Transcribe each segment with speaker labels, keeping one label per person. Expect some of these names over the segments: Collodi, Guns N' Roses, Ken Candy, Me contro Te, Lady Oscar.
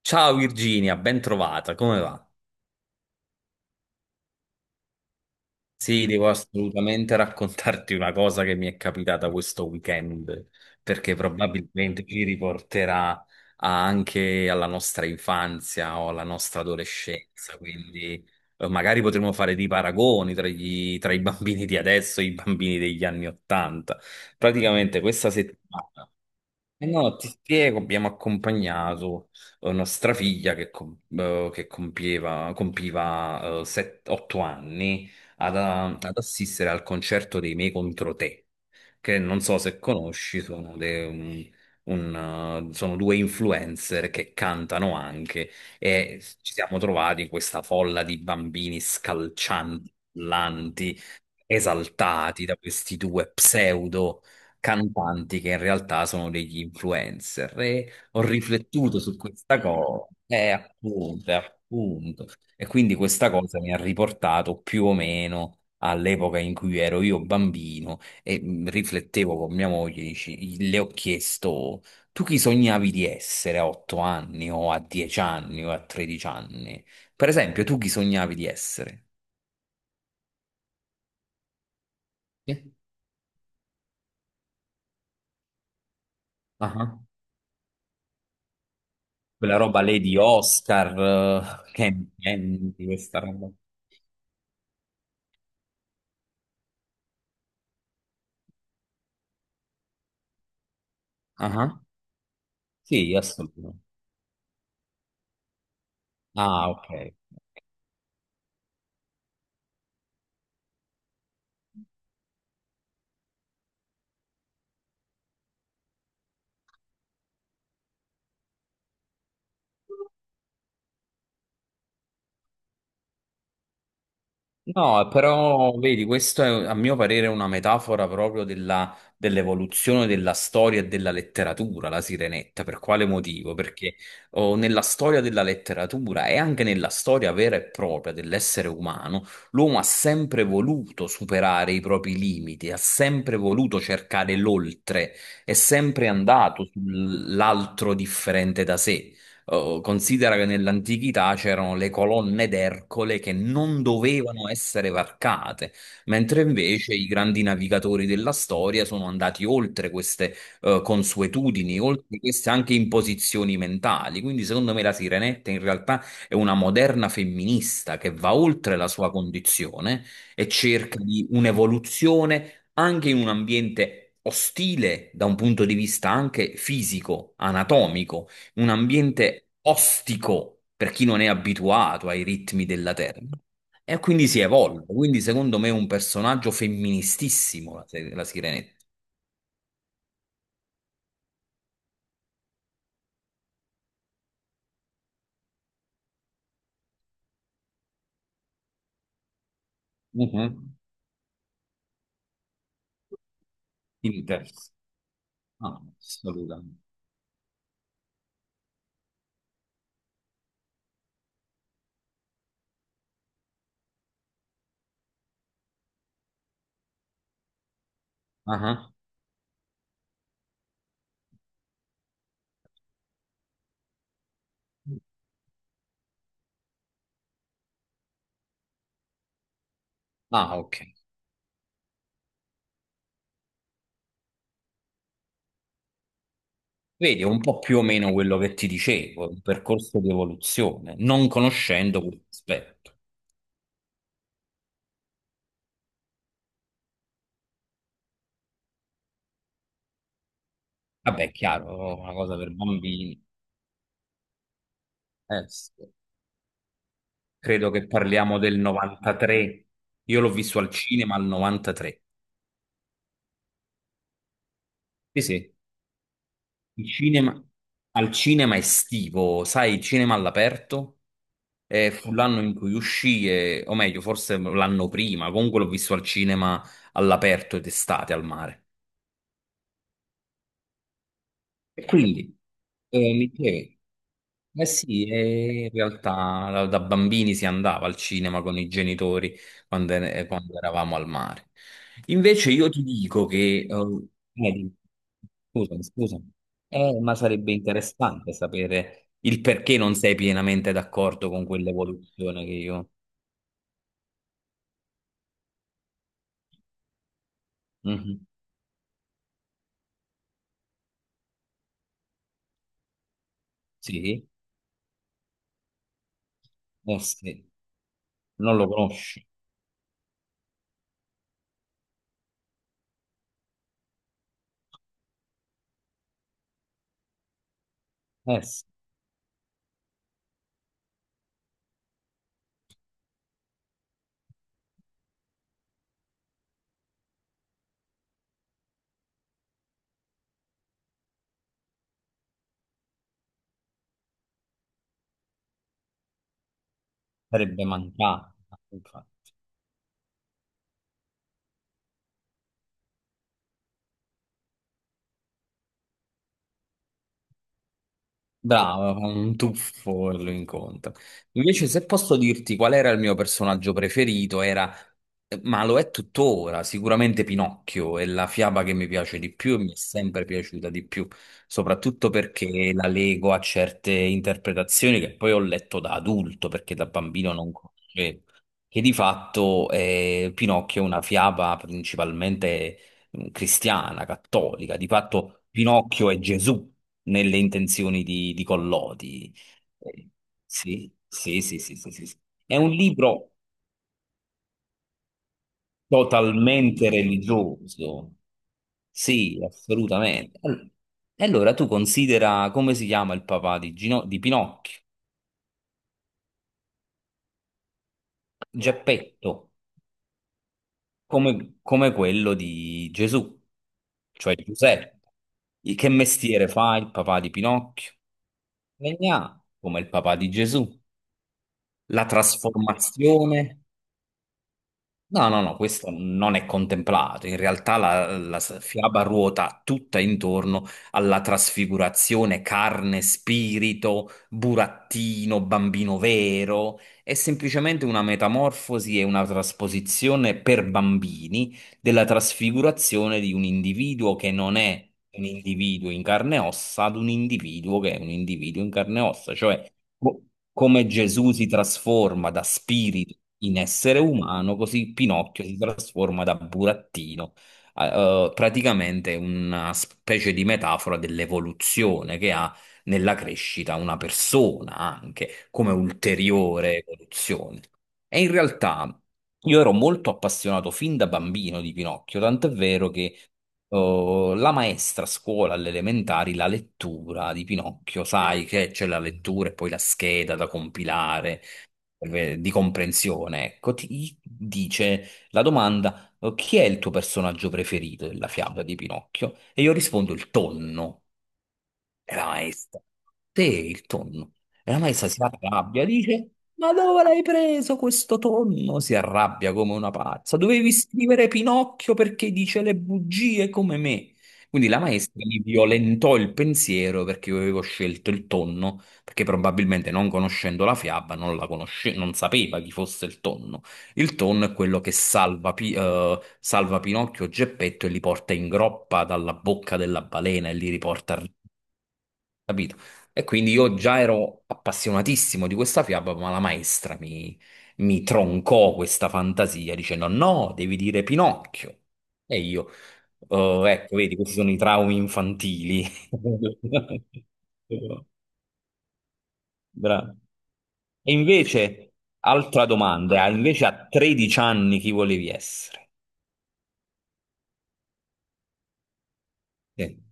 Speaker 1: Ciao Virginia, ben trovata, come va? Sì, devo assolutamente raccontarti una cosa che mi è capitata questo weekend, perché probabilmente ci riporterà anche alla nostra infanzia o alla nostra adolescenza, quindi magari potremo fare dei paragoni tra, tra i bambini di adesso e i bambini degli anni Ottanta. Praticamente questa settimana. Eh no, ti spiego, abbiamo accompagnato nostra figlia che, compiva 8 anni ad, eh, ad assistere al concerto dei Me contro Te, che non so se conosci, sono, sono due influencer che cantano anche. E ci siamo trovati in questa folla di bambini scalcianti, urlanti, esaltati da questi due pseudo cantanti, che in realtà sono degli influencer, e ho riflettuto su questa cosa, e appunto, e quindi questa cosa mi ha riportato più o meno all'epoca in cui ero io bambino e riflettevo con mia moglie, le ho chiesto, tu chi sognavi di essere a 8 anni o a 10 anni o a 13 anni? Per esempio, tu chi sognavi di essere? Sì. Ah, quella roba Lady Oscar, Ken Candy, questa roba. Ah, ah. Sì, assolutamente. Ah, ok. No, però vedi, questo è a mio parere una metafora proprio dell'evoluzione della storia e della letteratura, la Sirenetta. Per quale motivo? Perché oh, nella storia della letteratura e anche nella storia vera e propria dell'essere umano, l'uomo ha sempre voluto superare i propri limiti, ha sempre voluto cercare l'oltre, è sempre andato sull'altro differente da sé. Oh, considera che nell'antichità c'erano le colonne d'Ercole che non dovevano essere varcate, mentre invece i grandi navigatori della storia sono andati oltre queste consuetudini, oltre queste anche imposizioni mentali. Quindi, secondo me, la Sirenetta in realtà è una moderna femminista che va oltre la sua condizione e cerca di un'evoluzione anche in un ambiente ostile da un punto di vista anche fisico, anatomico, un ambiente ostico per chi non è abituato ai ritmi della terra. E quindi si evolve. Quindi, secondo me, è un personaggio femministissimo la, se- la Sirenetta. Mhm. Interessa. Ah, assolutamente. Ah, ah, ok. Vedi, è un po' più o meno quello che ti dicevo, un percorso di evoluzione, non conoscendo questo aspetto. Vabbè, è chiaro, una cosa per bambini. Sì, credo che parliamo del 93. Io l'ho visto al cinema al 93. Sì, sì. Il cinema- Al cinema estivo, sai, il cinema all'aperto. E fu l'anno in cui uscì, o meglio, forse l'anno prima, comunque l'ho visto al cinema all'aperto d'estate al mare. E quindi mi chiedo, eh sì, e in realtà da bambini si andava al cinema con i genitori quando, quando eravamo al mare. Invece io ti dico che... eh, scusami, scusami. Ma sarebbe interessante sapere il perché non sei pienamente d'accordo con quell'evoluzione che io... Mhm. Sì, eh sì, non lo conosci. Eh sì, sarebbe mancato. Brava, fa un tuffo e lo incontra. Invece, se posso dirti qual era il mio personaggio preferito, era, ma lo è tuttora, sicuramente Pinocchio, è la fiaba che mi piace di più e mi è sempre piaciuta di più, soprattutto perché la lego a certe interpretazioni che poi ho letto da adulto, perché da bambino non conoscevo, che di fatto Pinocchio è una fiaba principalmente cristiana, cattolica. Di fatto Pinocchio è Gesù nelle intenzioni di Collodi. Eh, Sì, sì, sì, sì, sì, sì, sì. È un libro totalmente religioso. Sì, assolutamente. E allora tu considera come si chiama il papà di Pinocchio: Geppetto, come come quello di Gesù, cioè Giuseppe. Che mestiere fa il papà di Pinocchio? Legnà, come il papà di Gesù. La trasformazione. No, no, no, questo non è contemplato. In realtà la fiaba ruota tutta intorno alla trasfigurazione: carne, spirito, burattino, bambino vero. È semplicemente una metamorfosi e una trasposizione per bambini della trasfigurazione di un individuo che non è un individuo in carne e ossa ad un individuo che è un individuo in carne e ossa, cioè co- come Gesù si trasforma da spirito in essere umano, così Pinocchio si trasforma da burattino. Praticamente è una specie di metafora dell'evoluzione che ha nella crescita una persona anche come ulteriore evoluzione. E in realtà io ero molto appassionato fin da bambino di Pinocchio, tant'è vero che la maestra a scuola alle elementari, la lettura di Pinocchio, sai che c'è la lettura e poi la scheda da compilare di comprensione, ecco, ti dice la domanda: chi è il tuo personaggio preferito della fiaba di Pinocchio? E io rispondo il tonno. E la maestra, te il tonno. E la maestra si arrabbia, dice, ma dove l'hai preso questo tonno? Si arrabbia come una pazza. Dovevi scrivere Pinocchio perché dice le bugie come me. Quindi la maestra mi violentò il pensiero perché io avevo scelto il tonno, perché probabilmente non conoscendo la fiaba non la conosce- non sapeva chi fosse il tonno. Il tonno è quello che salva, salva Pinocchio e Geppetto e li porta in groppa dalla bocca della balena e li riporta, capito? E quindi io già ero appassionatissimo di questa fiaba, ma la maestra mi troncò questa fantasia dicendo: no, devi dire Pinocchio. E io, "Oh, ecco, vedi, questi sono i traumi infantili." Bravo. E invece, altra domanda, invece a 13 anni chi volevi essere? Sì.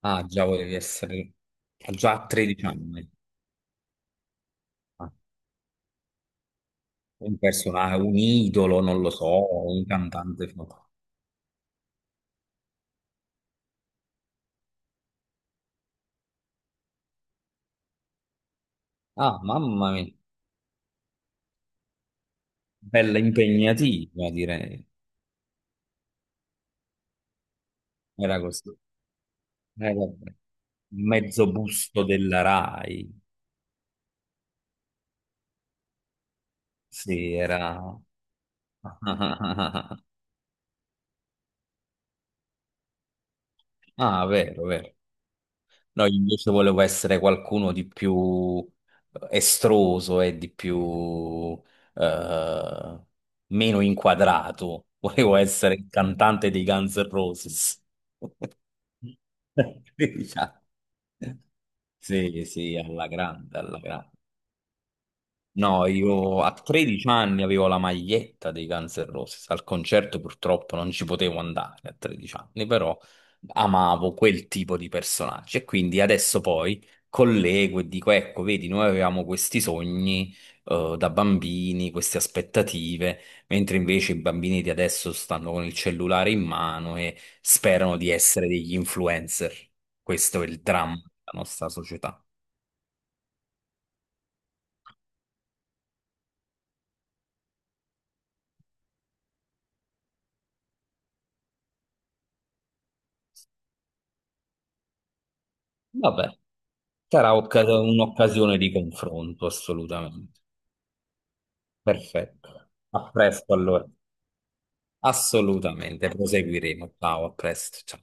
Speaker 1: Ah, già volevi essere, già a 13 anni. Ah, un personaggio, un idolo, non lo so, un cantante. Ah, mamma mia, bella impegnativa, direi. Era così. Vabbè. Mezzo busto della Rai. Sì, era... Ah, vero, vero. No, io invece volevo essere qualcuno di più estroso e di più eh, meno inquadrato. Volevo essere il cantante dei Guns N' Roses. Diciamo. Sì, sì, alla grande, alla grande. No, io a 13 anni avevo la maglietta dei Guns N' Roses, al concerto purtroppo non ci potevo andare a 13 anni, però amavo quel tipo di personaggi e quindi adesso poi collego e dico, ecco, vedi, noi avevamo questi sogni da bambini, queste aspettative, mentre invece i bambini di adesso stanno con il cellulare in mano e sperano di essere degli influencer. Questo è il dramma della nostra società. Vabbè. Sarà un'occasione di confronto, assolutamente. Perfetto. A presto allora. Assolutamente, proseguiremo. Ciao, a presto. Ciao.